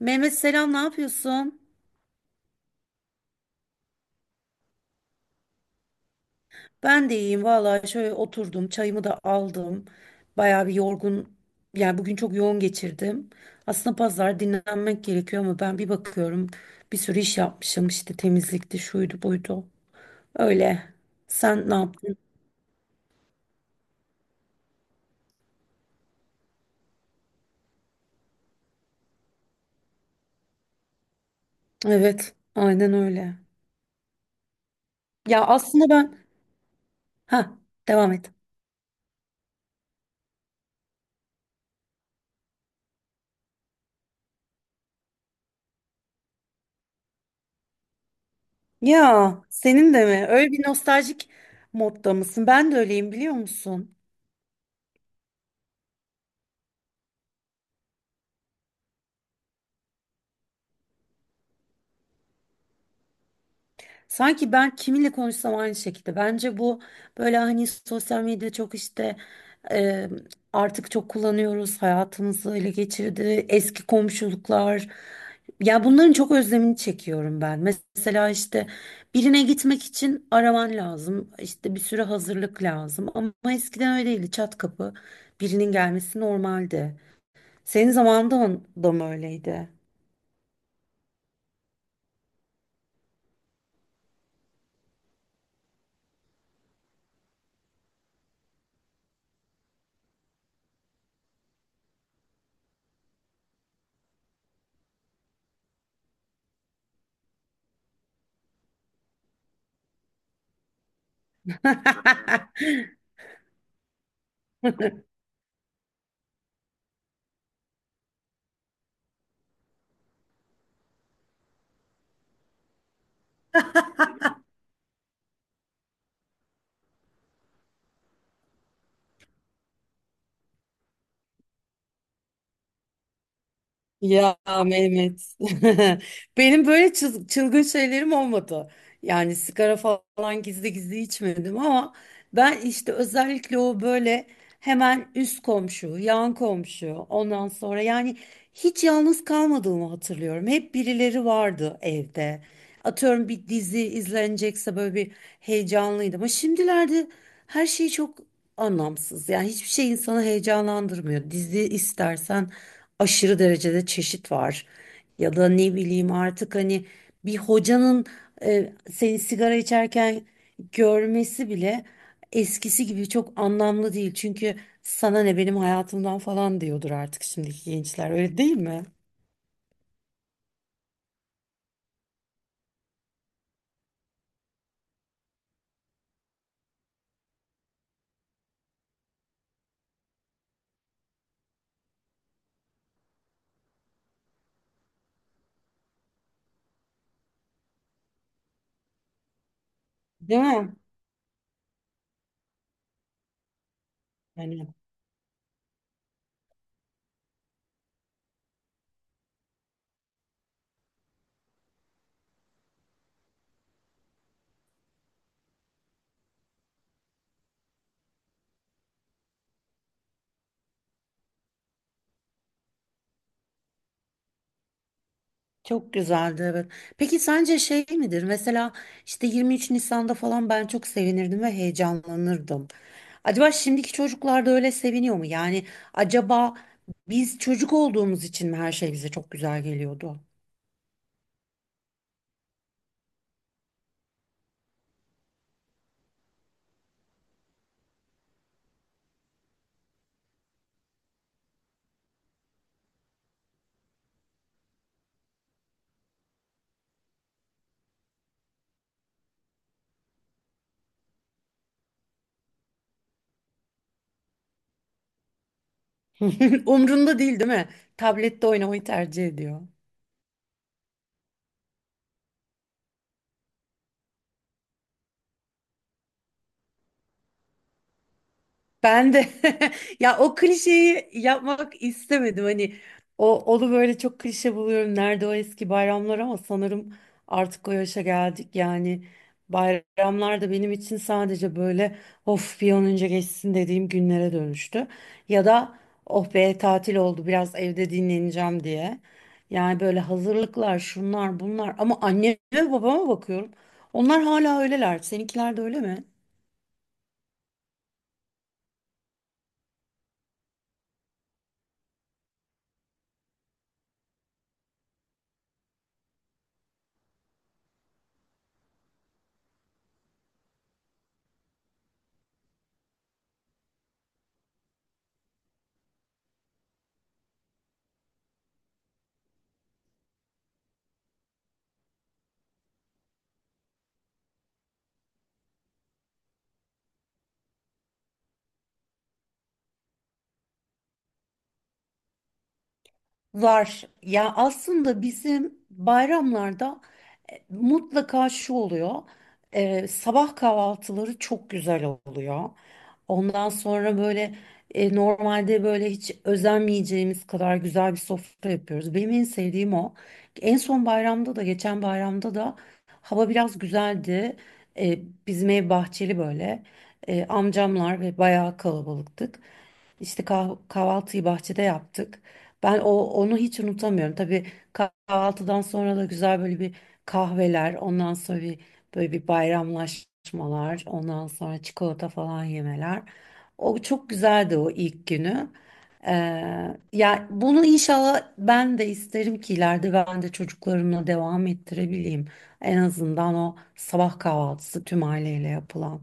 Mehmet selam, ne yapıyorsun? Ben de iyiyim vallahi, şöyle oturdum, çayımı da aldım. Bayağı bir yorgun yani, bugün çok yoğun geçirdim. Aslında pazar dinlenmek gerekiyor ama ben bir bakıyorum, bir sürü iş yapmışım, işte temizlikti, şuydu buydu. Öyle. Sen ne yaptın? Evet, aynen öyle. Ya aslında ben, ha, devam et. Ya senin de mi? Öyle bir nostaljik modda mısın? Ben de öyleyim, biliyor musun? Sanki ben kiminle konuşsam aynı şekilde. Bence bu böyle, hani sosyal medya çok işte, e, artık çok kullanıyoruz. Hayatımızı ele geçirdi. Eski komşuluklar. Ya bunların çok özlemini çekiyorum ben. Mesela işte, birine gitmek için araman lazım. İşte bir sürü hazırlık lazım. Ama eskiden öyle değildi. Çat kapı birinin gelmesi normaldi. Senin zamanında da mı öyleydi? Ya Mehmet. Benim böyle çılgın şeylerim olmadı. Yani sigara falan gizli gizli içmedim ama ben işte, özellikle o böyle hemen üst komşu, yan komşu, ondan sonra yani hiç yalnız kalmadığımı hatırlıyorum. Hep birileri vardı evde. Atıyorum bir dizi izlenecekse böyle bir heyecanlıydım. Ama şimdilerde her şey çok anlamsız. Yani hiçbir şey insanı heyecanlandırmıyor. Dizi istersen aşırı derecede çeşit var. Ya da ne bileyim, artık hani bir hocanın seni sigara içerken görmesi bile eskisi gibi çok anlamlı değil. Çünkü sana ne benim hayatımdan falan diyordur artık şimdiki gençler. Öyle değil mi? Değil mi? Yani. Çok güzeldi, evet. Peki sence şey midir? Mesela işte 23 Nisan'da falan ben çok sevinirdim ve heyecanlanırdım. Acaba şimdiki çocuklar da öyle seviniyor mu? Yani acaba biz çocuk olduğumuz için mi her şey bize çok güzel geliyordu? Umrunda değil, değil mi? Tablette oynamayı tercih ediyor. Ben de ya o klişeyi yapmak istemedim. Hani o onu böyle çok klişe buluyorum. Nerede o eski bayramlar, ama sanırım artık o yaşa geldik. Yani bayramlar da benim için sadece böyle of bir an önce geçsin dediğim günlere dönüştü. Ya da oh be tatil oldu, biraz evde dinleneceğim diye. Yani böyle hazırlıklar, şunlar bunlar, ama anneme babama bakıyorum. Onlar hala öyleler. Seninkiler de öyle mi? Var. Ya aslında bizim bayramlarda mutlaka şu oluyor. Sabah kahvaltıları çok güzel oluyor. Ondan sonra böyle, normalde böyle hiç özenmeyeceğimiz kadar güzel bir sofra yapıyoruz. Benim en sevdiğim o. En son bayramda da, geçen bayramda da hava biraz güzeldi. E, Bizim ev bahçeli böyle. Amcamlar ve bayağı kalabalıktık. İşte kahvaltıyı bahçede yaptık. Ben o onu hiç unutamıyorum. Tabii kahvaltıdan sonra da güzel böyle bir kahveler, ondan sonra bir böyle bir bayramlaşmalar, ondan sonra çikolata falan yemeler. O çok güzeldi, o ilk günü. Ee, ya bunu inşallah ben de isterim ki ileride ben de çocuklarımla devam ettirebileyim. En azından o sabah kahvaltısı tüm aileyle yapılan.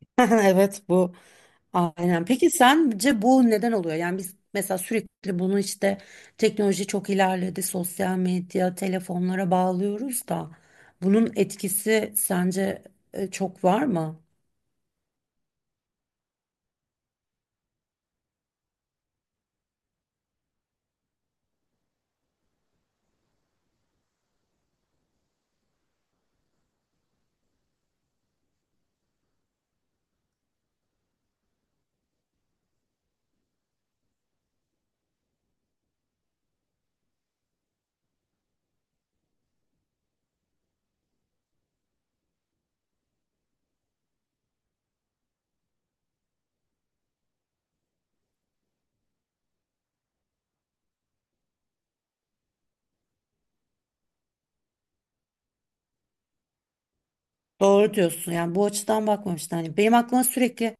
Evet, bu aynen. Peki sence bu neden oluyor? Yani biz mesela sürekli bunu işte teknoloji çok ilerledi, sosyal medya, telefonlara bağlıyoruz da bunun etkisi sence çok var mı? Doğru diyorsun. Yani bu açıdan bakmamıştım. Hani benim aklıma sürekli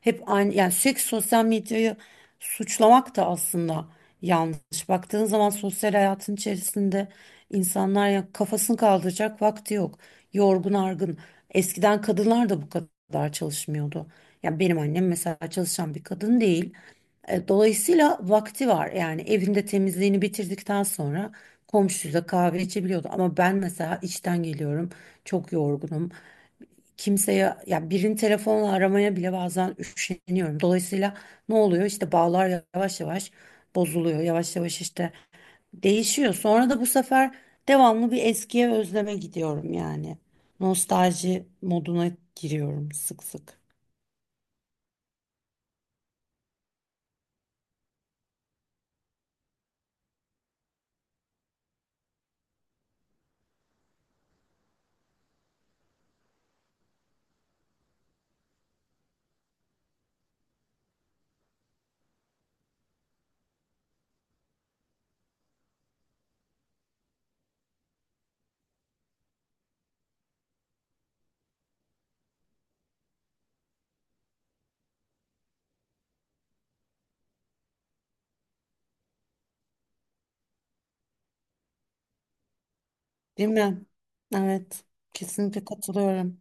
hep aynı, yani sürekli sosyal medyayı suçlamak da aslında yanlış. Baktığın zaman sosyal hayatın içerisinde insanlar, ya kafasını kaldıracak vakti yok. Yorgun argın. Eskiden kadınlar da bu kadar çalışmıyordu. Yani benim annem mesela çalışan bir kadın değil. E, dolayısıyla vakti var. Yani evinde temizliğini bitirdikten sonra komşuyla kahve içebiliyordu. Ama ben mesela işten geliyorum. Çok yorgunum, kimseye, ya birini telefonla aramaya bile bazen üşeniyorum. Dolayısıyla ne oluyor? İşte bağlar yavaş yavaş bozuluyor. Yavaş yavaş işte değişiyor. Sonra da bu sefer devamlı bir eskiye özleme gidiyorum yani. Nostalji moduna giriyorum sık sık. Değil mi? Evet. Kesinlikle katılıyorum.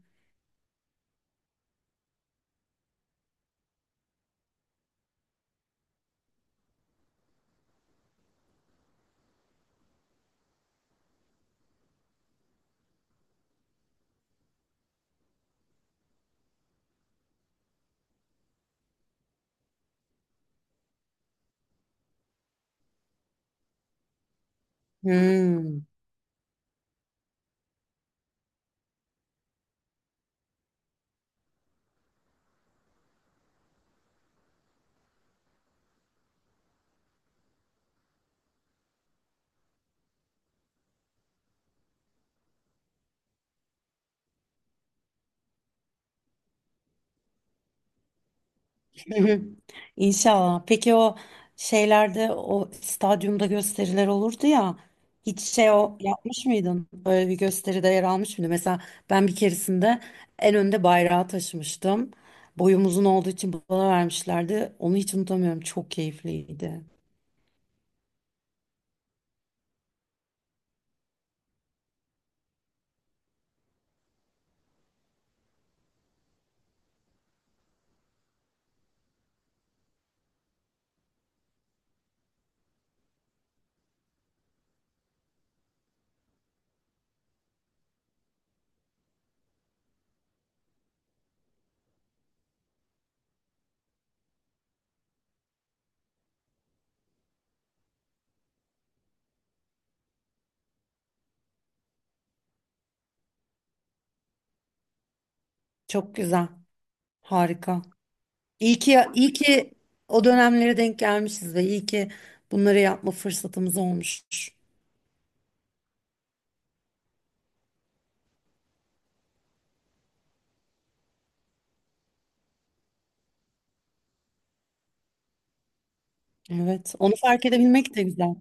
Hmm. Hı hı. İnşallah. Peki o şeylerde, o stadyumda gösteriler olurdu ya. Hiç şey, o yapmış mıydın? Böyle bir gösteride yer almış mıydın? Mesela ben bir keresinde en önde bayrağı taşımıştım. Boyum uzun olduğu için bana vermişlerdi. Onu hiç unutamıyorum. Çok keyifliydi. Çok güzel. Harika. İyi ki, iyi ki o dönemlere denk gelmişiz ve iyi ki bunları yapma fırsatımız olmuş. Evet. Onu fark edebilmek de güzel.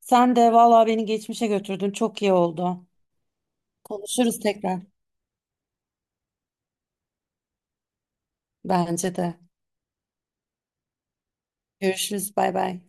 Sen de vallahi beni geçmişe götürdün. Çok iyi oldu. Konuşuruz tekrar. Bence de. Görüşürüz. Bay bay.